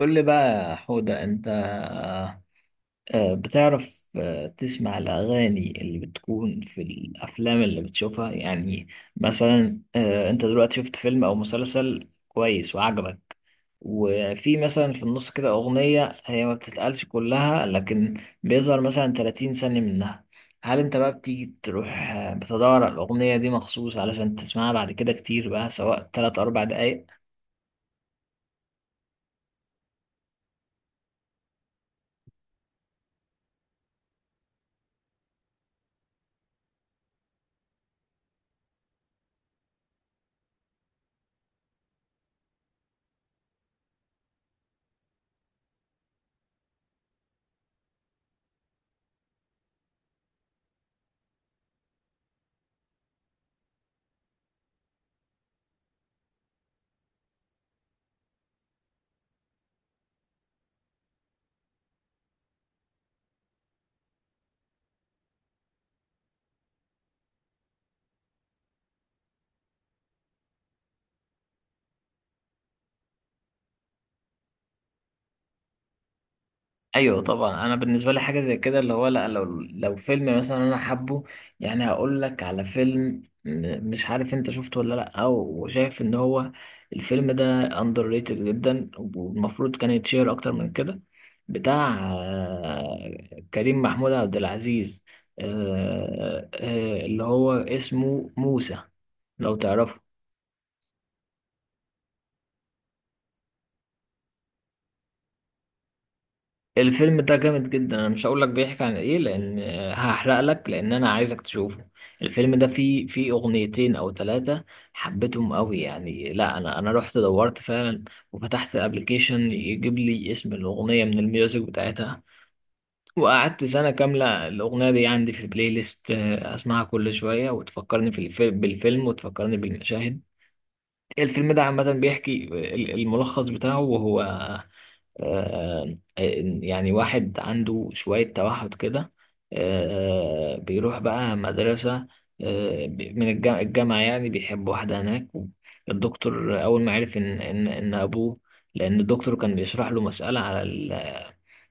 قول لي بقى يا حودة. أنت بتعرف، تسمع الأغاني اللي بتكون في الأفلام اللي بتشوفها يعني. مثلا، أنت دلوقتي شفت فيلم أو مسلسل كويس وعجبك. وفي مثلا في النص كده أغنية هي ما بتتقالش كلها، لكن بيظهر مثلا 30 ثانية منها. هل أنت بقى بتيجي تروح، بتدور على الأغنية دي مخصوص علشان تسمعها بعد كده، كتير بقى سواء 3 أربع دقايق؟ ايوه، طبعا، انا بالنسبه لي حاجه زي كده، اللي هو لا، لو فيلم مثلا انا حابه. يعني هقول لك على فيلم، مش عارف انت شفته ولا لا، او وشايف ان هو الفيلم ده اندر ريتد جدا، والمفروض كان يتشير اكتر من كده. بتاع كريم محمود عبد العزيز، اللي هو اسمه موسى، لو تعرفه. الفيلم ده جامد جدا، انا مش هقول لك بيحكي عن ايه لان هحرق لك، لان انا عايزك تشوفه. الفيلم ده فيه اغنيتين او ثلاثة حبيتهم قوي يعني، لا، انا رحت دورت فعلا، وفتحت الابليكيشن يجيب لي اسم الاغنية من الميوزك بتاعتها. وقعدت سنة كاملة الأغنية دي عندي في البلاي ليست، أسمعها كل شوية وتفكرني بالفيلم وتفكرني بالمشاهد. الفيلم ده عامة بيحكي الملخص بتاعه وهو آه، آه، يعني واحد عنده شوية توحد كده، بيروح بقى مدرسة، من الجامعة يعني بيحب واحدة هناك. الدكتور أول ما عرف إن أبوه، لأن الدكتور كان بيشرح له مسألة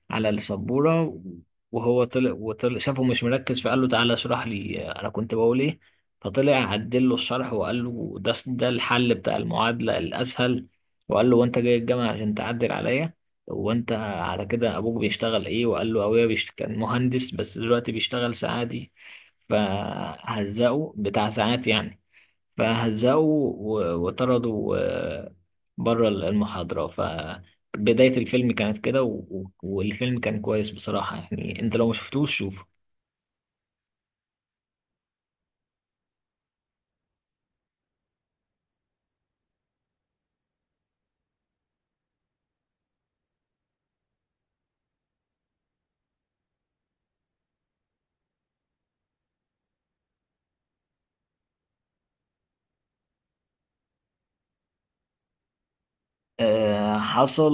على السبورة، وهو طلع شافه مش مركز، فقال له تعالى اشرح لي انا كنت بقول ايه. فطلع عدل له الشرح، وقال له ده الحل بتاع المعادلة الاسهل، وقال له وانت جاي الجامعة عشان تعدل عليا، وانت على كده ابوك بيشتغل ايه؟ وقال له ابويا كان مهندس، بس دلوقتي بيشتغل ساعاتي. فهزقه بتاع ساعات يعني، فهزقوا وطردوا بره المحاضرة. فبداية الفيلم كانت كده، والفيلم كان كويس بصراحة يعني، انت لو مشفتوش شوفه. حصل.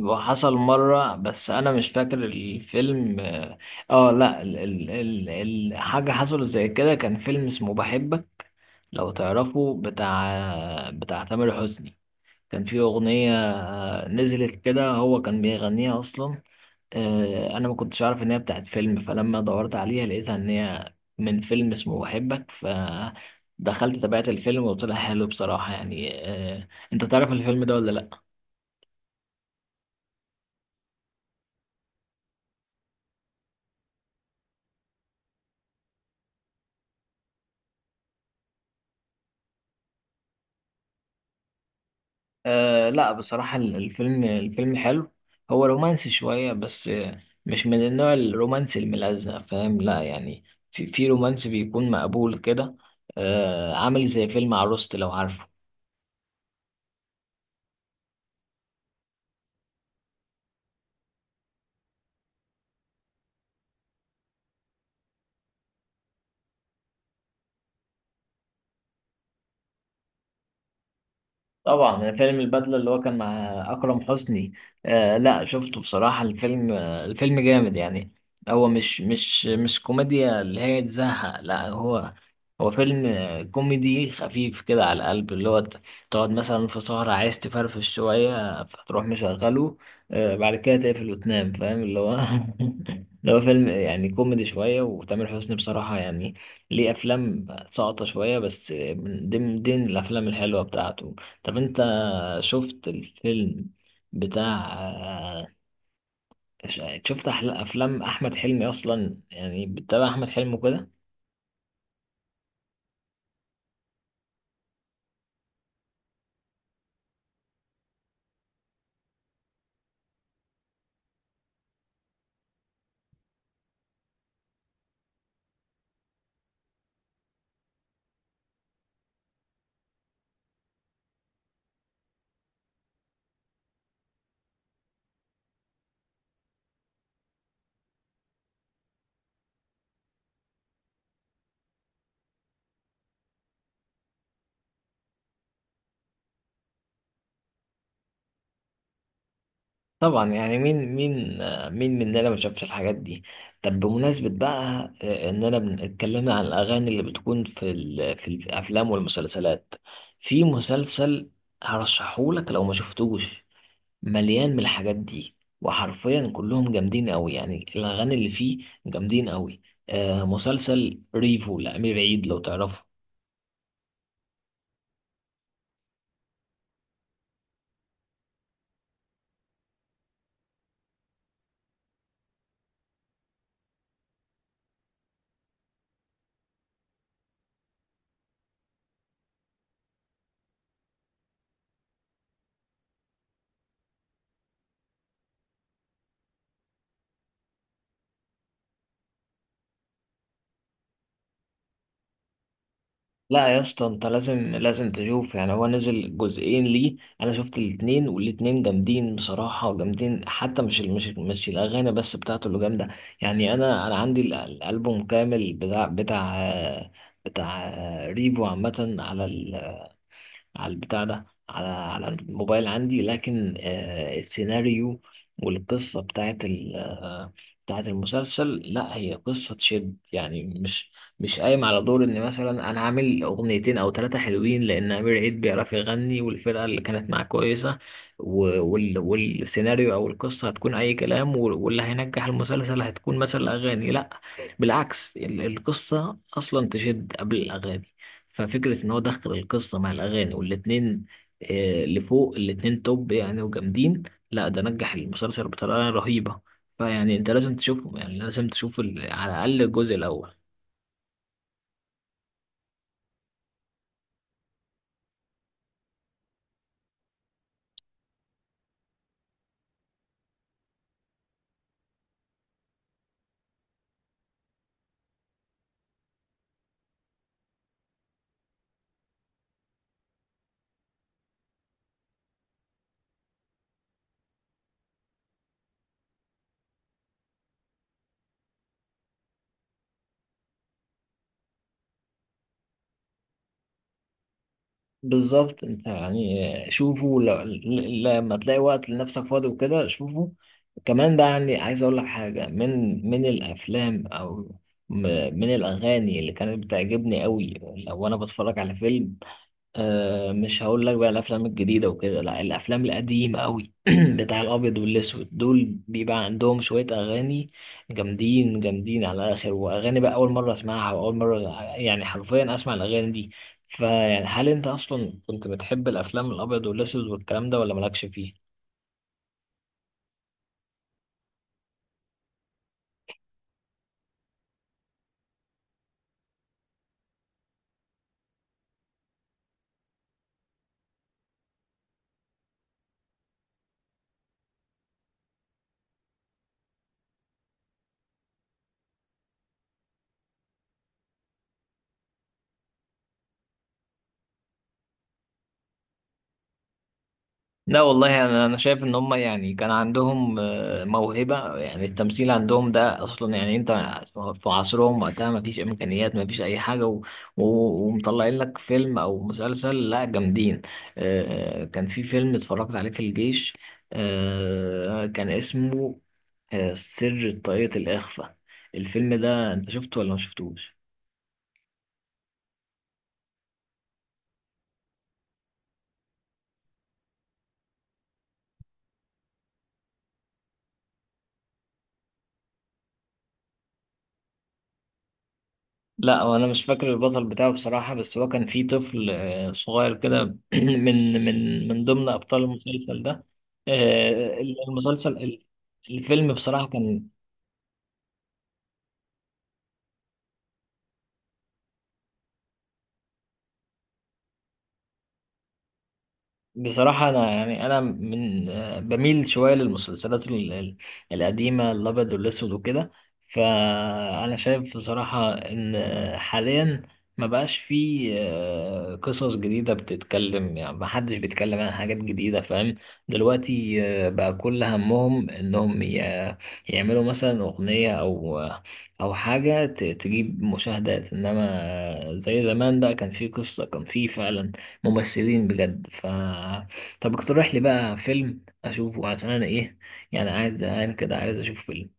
وحصل مرة بس أنا مش فاكر الفيلم، اه. لا، حاجة حصلت زي كده، كان فيلم اسمه بحبك، لو تعرفه، بتاع تامر حسني. كان في أغنية، نزلت كده هو كان بيغنيها أصلا. أنا ما كنتش عارف إن هي بتاعت فيلم، فلما دورت عليها لقيتها إن هي من فيلم اسمه بحبك، فدخلت تابعت الفيلم وطلع حلو بصراحة يعني. أنت تعرف الفيلم ده ولا لأ؟ لا بصراحة، الفيلم حلو. هو رومانسي شوية بس مش من النوع الرومانسي الملزق، فاهم، لا يعني في رومانسي بيكون مقبول كده. عامل زي فيلم عروست، لو عارفه. طبعا فيلم البدلة اللي هو كان مع أكرم حسني. لا شفته بصراحة الفيلم، الفيلم جامد يعني. هو مش كوميديا اللي هي تزهق، لا هو هو فيلم كوميدي خفيف كده على القلب، اللي هو تقعد مثلا في سهرة عايز تفرفش شوية، فتروح مشغله. بعد كده تقفل وتنام، فاهم اللي هو اللي هو فيلم يعني كوميدي شوية، وتامر حسني بصراحة يعني ليه أفلام ساقطة شوية، بس من ضمن الأفلام الحلوة بتاعته. طب انت شفت الفيلم بتاع شفت افلام احمد حلمي اصلا؟ يعني بتتابع احمد حلمي كده. طبعا يعني، مين مننا ما شافش الحاجات دي. طب بمناسبة بقى اننا اتكلمنا عن الاغاني اللي بتكون في الافلام والمسلسلات، في مسلسل هرشحهولك لو ما شفتوش، مليان من الحاجات دي، وحرفيا كلهم جامدين قوي يعني، الاغاني اللي فيه جامدين قوي. مسلسل ريفو لأمير عيد، لو تعرفه. لا يا اسطى، انت لازم تشوف يعني، هو نزل جزئين ليه، انا شفت الاتنين والاتنين جامدين بصراحة جامدين، حتى مش الاغاني بس بتاعته اللي جامدة. يعني انا عندي الالبوم كامل، بتاع ريفو عامة، على البتاع ده، على الموبايل عندي، لكن السيناريو والقصة بتاعت المسلسل، لا هي قصة تشد يعني، مش قايم على دور ان مثلا انا عامل اغنيتين او ثلاثة حلوين، لان امير عيد بيعرف يغني، والفرقة اللي كانت معاه كويسة. والسيناريو او القصة هتكون اي كلام، واللي هينجح المسلسل هتكون مثلا اغاني، لا بالعكس، القصة أصلا تشد قبل الأغاني. ففكرة إن هو دخل القصة مع الأغاني، والاتنين لفوق، الاتنين توب يعني وجامدين، لا ده نجح المسلسل بطريقة رهيبة. فيعني أنت لازم تشوفه يعني، لازم تشوف على الأقل الجزء الأول. بالظبط انت يعني، شوفه لما تلاقي وقت لنفسك فاضي وكده شوفه. كمان بقى يعني، عايز اقول لك حاجة من الافلام او م- من الاغاني اللي كانت بتعجبني قوي. لو انا بتفرج على فيلم، مش هقول لك بقى الافلام الجديده وكده، لا الافلام القديمه قوي بتاع الابيض والاسود، دول بيبقى عندهم شويه اغاني جامدين جامدين على الاخر، واغاني بقى اول مره اسمعها، واول مره يعني حرفيا اسمع الاغاني دي. فيعني هل انت اصلا كنت بتحب الافلام الابيض والاسود والكلام ده، ولا مالكش فيه؟ لا والله يعني، انا شايف ان هم يعني كان عندهم موهبه يعني، التمثيل عندهم ده اصلا يعني، انت في عصرهم وقتها ما فيش امكانيات، ما فيش اي حاجه و... ومطلعين لك فيلم او مسلسل، لا جامدين. كان في فيلم اتفرجت عليه في الجيش، كان اسمه سر طاقية الاخفاء. الفيلم ده انت شفته ولا ما شفتوش؟ لا، وانا مش فاكر البطل بتاعه بصراحة، بس هو كان فيه طفل صغير كده من ضمن ابطال المسلسل ده. آه، المسلسل الفيلم بصراحة كان بصراحة أنا يعني أنا من بميل شوية للمسلسلات القديمة الأبيض والأسود وكده. فأنا شايف بصراحة إن حاليا ما بقاش فيه قصص جديدة بتتكلم يعني، ما حدش بيتكلم عن حاجات جديدة، فاهم. دلوقتي بقى كل همهم إنهم يعملوا مثلا أغنية أو حاجة تجيب مشاهدات، إنما زي زمان بقى كان فيه قصة، كان فيه فعلا ممثلين بجد طب اقترح لي بقى فيلم اشوفه، عشان انا ايه يعني قاعد زهقان كده، عايز اشوف فيلم.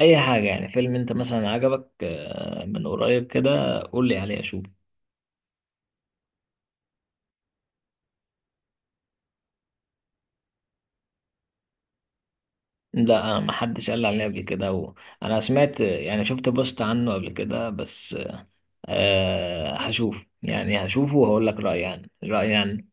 اي حاجه يعني، فيلم انت مثلا عجبك من قريب كده، قول لي عليه اشوفه. لا انا ما حدش قال لي عليه قبل كده انا سمعت يعني، شفت بوست عنه قبل كده بس. هشوف يعني، هشوفه وهقول لك رايي يعني رايي يعني.